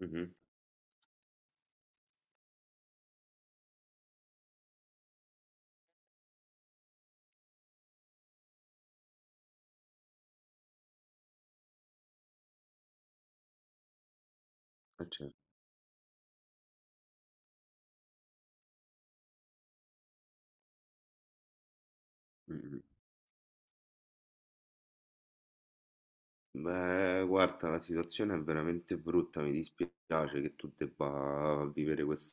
Mh-mh. Eh certo. Mh-mh. Beh, guarda, la situazione è veramente brutta, mi dispiace che tu debba vivere questa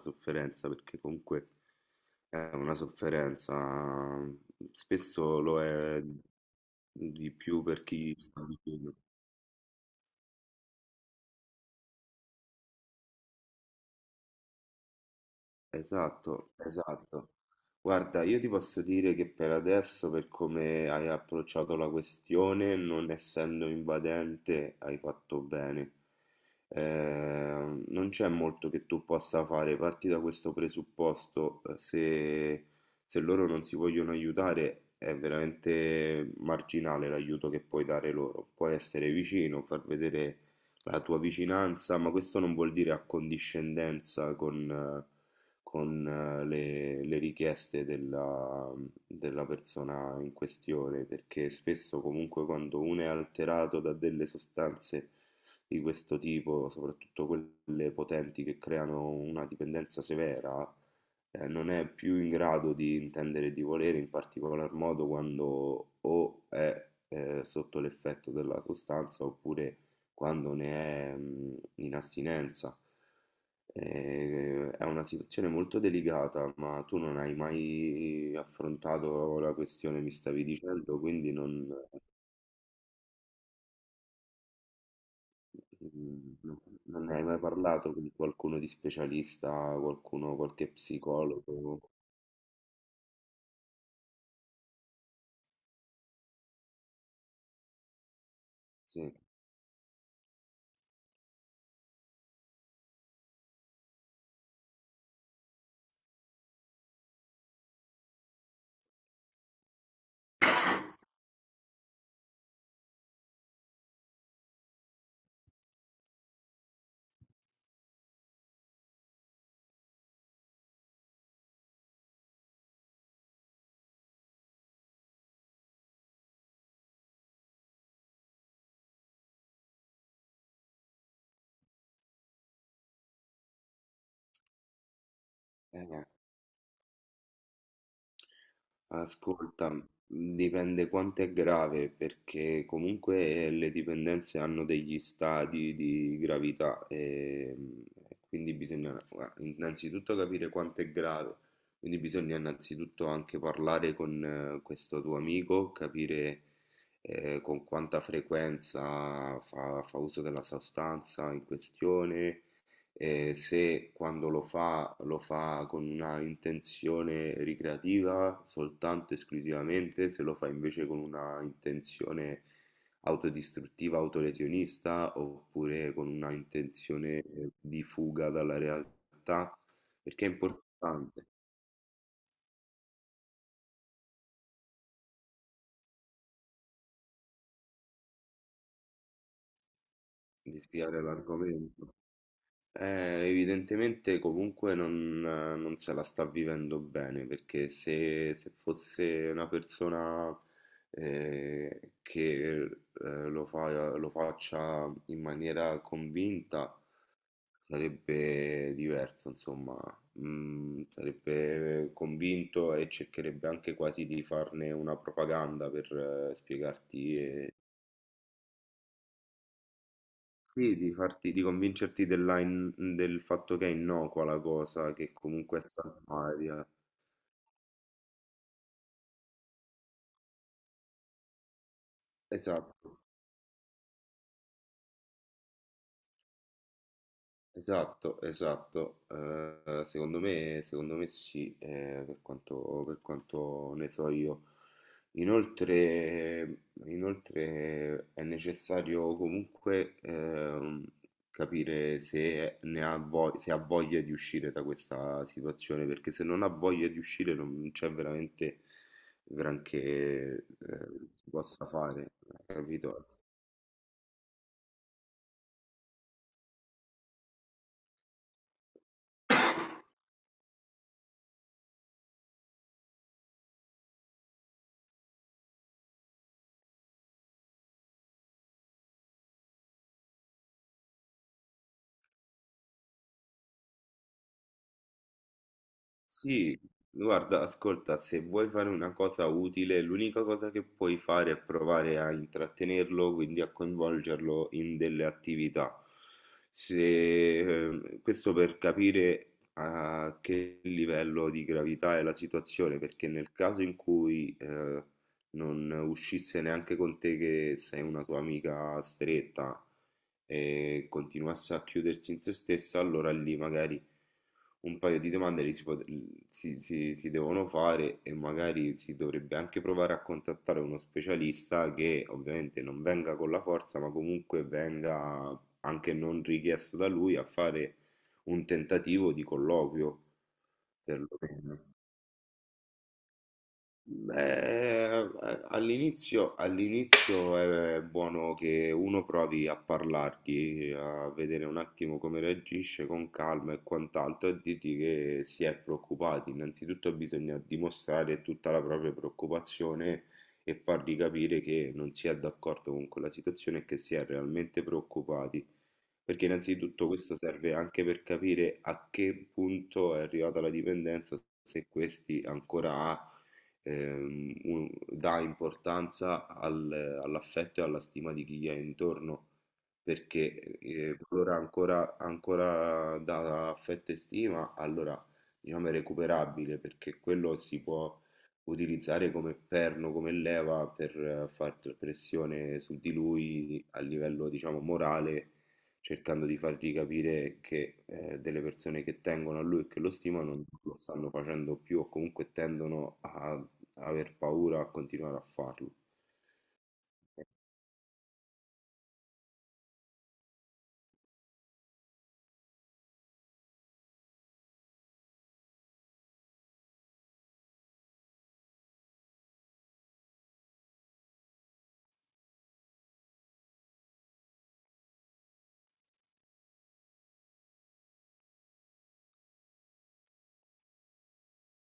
sofferenza, perché comunque è una sofferenza, spesso lo è di più per chi sta vicino. Esatto, esatto. Guarda, io ti posso dire che per adesso, per come hai approcciato la questione, non essendo invadente, hai fatto bene. Non c'è molto che tu possa fare. Parti da questo presupposto, se loro non si vogliono aiutare, è veramente marginale l'aiuto che puoi dare loro. Puoi essere vicino, far vedere la tua vicinanza, ma questo non vuol dire accondiscendenza con le richieste della persona in questione, perché spesso comunque quando uno è alterato da delle sostanze di questo tipo, soprattutto quelle potenti che creano una dipendenza severa, non è più in grado di intendere e di volere, in particolar modo quando o è sotto l'effetto della sostanza oppure quando ne è in astinenza. È una situazione molto delicata, ma tu non hai mai affrontato la questione, mi stavi dicendo, quindi non, mm, no- non ne hai mai parlato con qualcuno di specialista, qualcuno, qualche psicologo. Sì. Eh, ascolta, dipende quanto è grave, perché comunque le dipendenze hanno degli stadi di gravità, quindi bisogna gua innanzitutto capire quanto è grave, quindi bisogna innanzitutto anche parlare con questo tuo amico, capire, con quanta frequenza fa uso della sostanza in questione, e se quando lo fa con una intenzione ricreativa soltanto esclusivamente, se lo fa invece con una intenzione autodistruttiva, autolesionista, oppure con una intenzione di fuga dalla realtà, perché è importante di spiegare l'argomento. Evidentemente comunque non se la sta vivendo bene perché se fosse una persona che lo faccia in maniera convinta sarebbe diverso, insomma. Mm, sarebbe convinto e cercherebbe anche quasi di farne una propaganda per spiegarti. Sì, di farti, di convincerti del fatto che è innocua la cosa, che comunque è salvaria. Esatto. Esatto, esatto. Secondo me sì, per quanto ne so io. Inoltre, Inoltre è necessario comunque capire se ne ha voglia, se ha voglia di uscire da questa situazione, perché se non ha voglia di uscire non c'è veramente granché eh, si possa fare, capito? Sì, guarda, ascolta, se vuoi fare una cosa utile, l'unica cosa che puoi fare è provare a intrattenerlo, quindi a coinvolgerlo in delle attività. Se, Eh, questo per capire a che livello di gravità è la situazione, perché nel caso in cui non uscisse neanche con te che sei una tua amica stretta e continuasse a chiudersi in se stessa, allora lì magari un paio di domande li si, pot- si- si- si devono fare e magari si dovrebbe anche provare a contattare uno specialista che ovviamente non venga con la forza, ma comunque venga anche non richiesto da lui a fare un tentativo di colloquio, perlomeno. Beh, all'inizio all'inizio è buono che uno provi a parlargli, a vedere un attimo come reagisce con calma e quant'altro, e dirgli che si è preoccupati. Innanzitutto bisogna dimostrare tutta la propria preoccupazione e fargli capire che non si è d'accordo con quella situazione e che si è realmente preoccupati. Perché innanzitutto questo serve anche per capire a che punto è arrivata la dipendenza, se questi ancora ha dà importanza all'affetto e alla stima di chi gli è intorno, perché qualora ancora dà affetto e stima, allora diciamo è recuperabile, perché quello si può utilizzare come perno, come leva per far pressione su di lui a livello, diciamo, morale, cercando di fargli capire che delle persone che tengono a lui e che lo stimano lo stanno facendo più o comunque tendono a aver paura a continuare a farlo.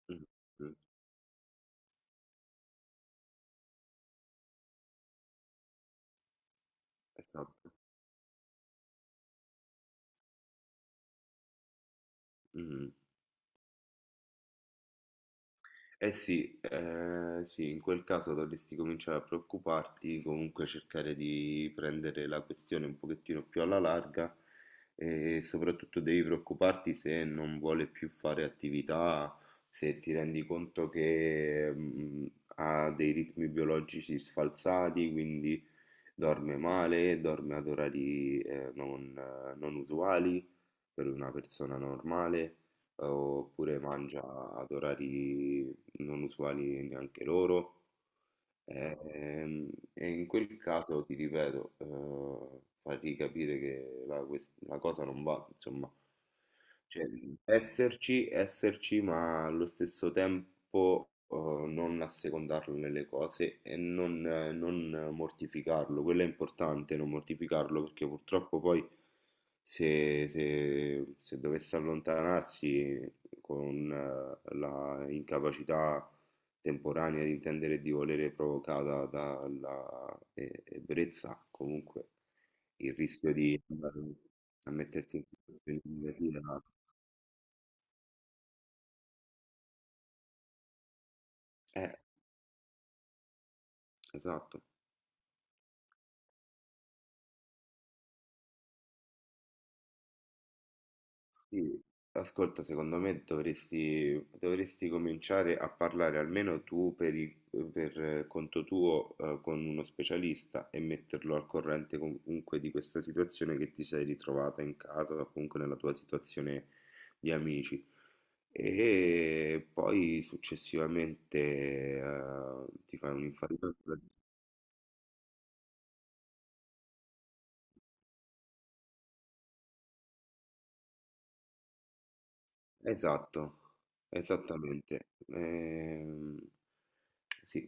Mh, mh, esatto. Mh. Eh sì, sì, in quel caso dovresti cominciare a preoccuparti, comunque cercare di prendere la questione un pochettino più alla larga e soprattutto devi preoccuparti se non vuole più fare attività, se ti rendi conto che ha dei ritmi biologici sfalsati, quindi dorme male, dorme ad orari non usuali per una persona normale oppure mangia ad orari non usuali neanche loro. Ehm, In quel caso ti ripeto, fargli capire che la cosa non va, insomma, cioè, esserci, esserci, ma allo stesso tempo non assecondarlo nelle cose e non mortificarlo. Quello è importante, non mortificarlo, perché purtroppo poi se dovesse allontanarsi con la incapacità temporanea di intendere e di volere provocata dalla ebbrezza, comunque il rischio di andare a mettersi in situazioni negative, no? Eh, esatto. Sì, ascolta, dovresti cominciare a parlare almeno tu per, per conto tuo, con uno specialista e metterlo al corrente comunque di questa situazione che ti sei ritrovata in casa o comunque nella tua situazione di amici. E poi successivamente, ti fai un'infarinatura. Esatto, esattamente. Sì,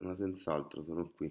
ma senz'altro sono qui.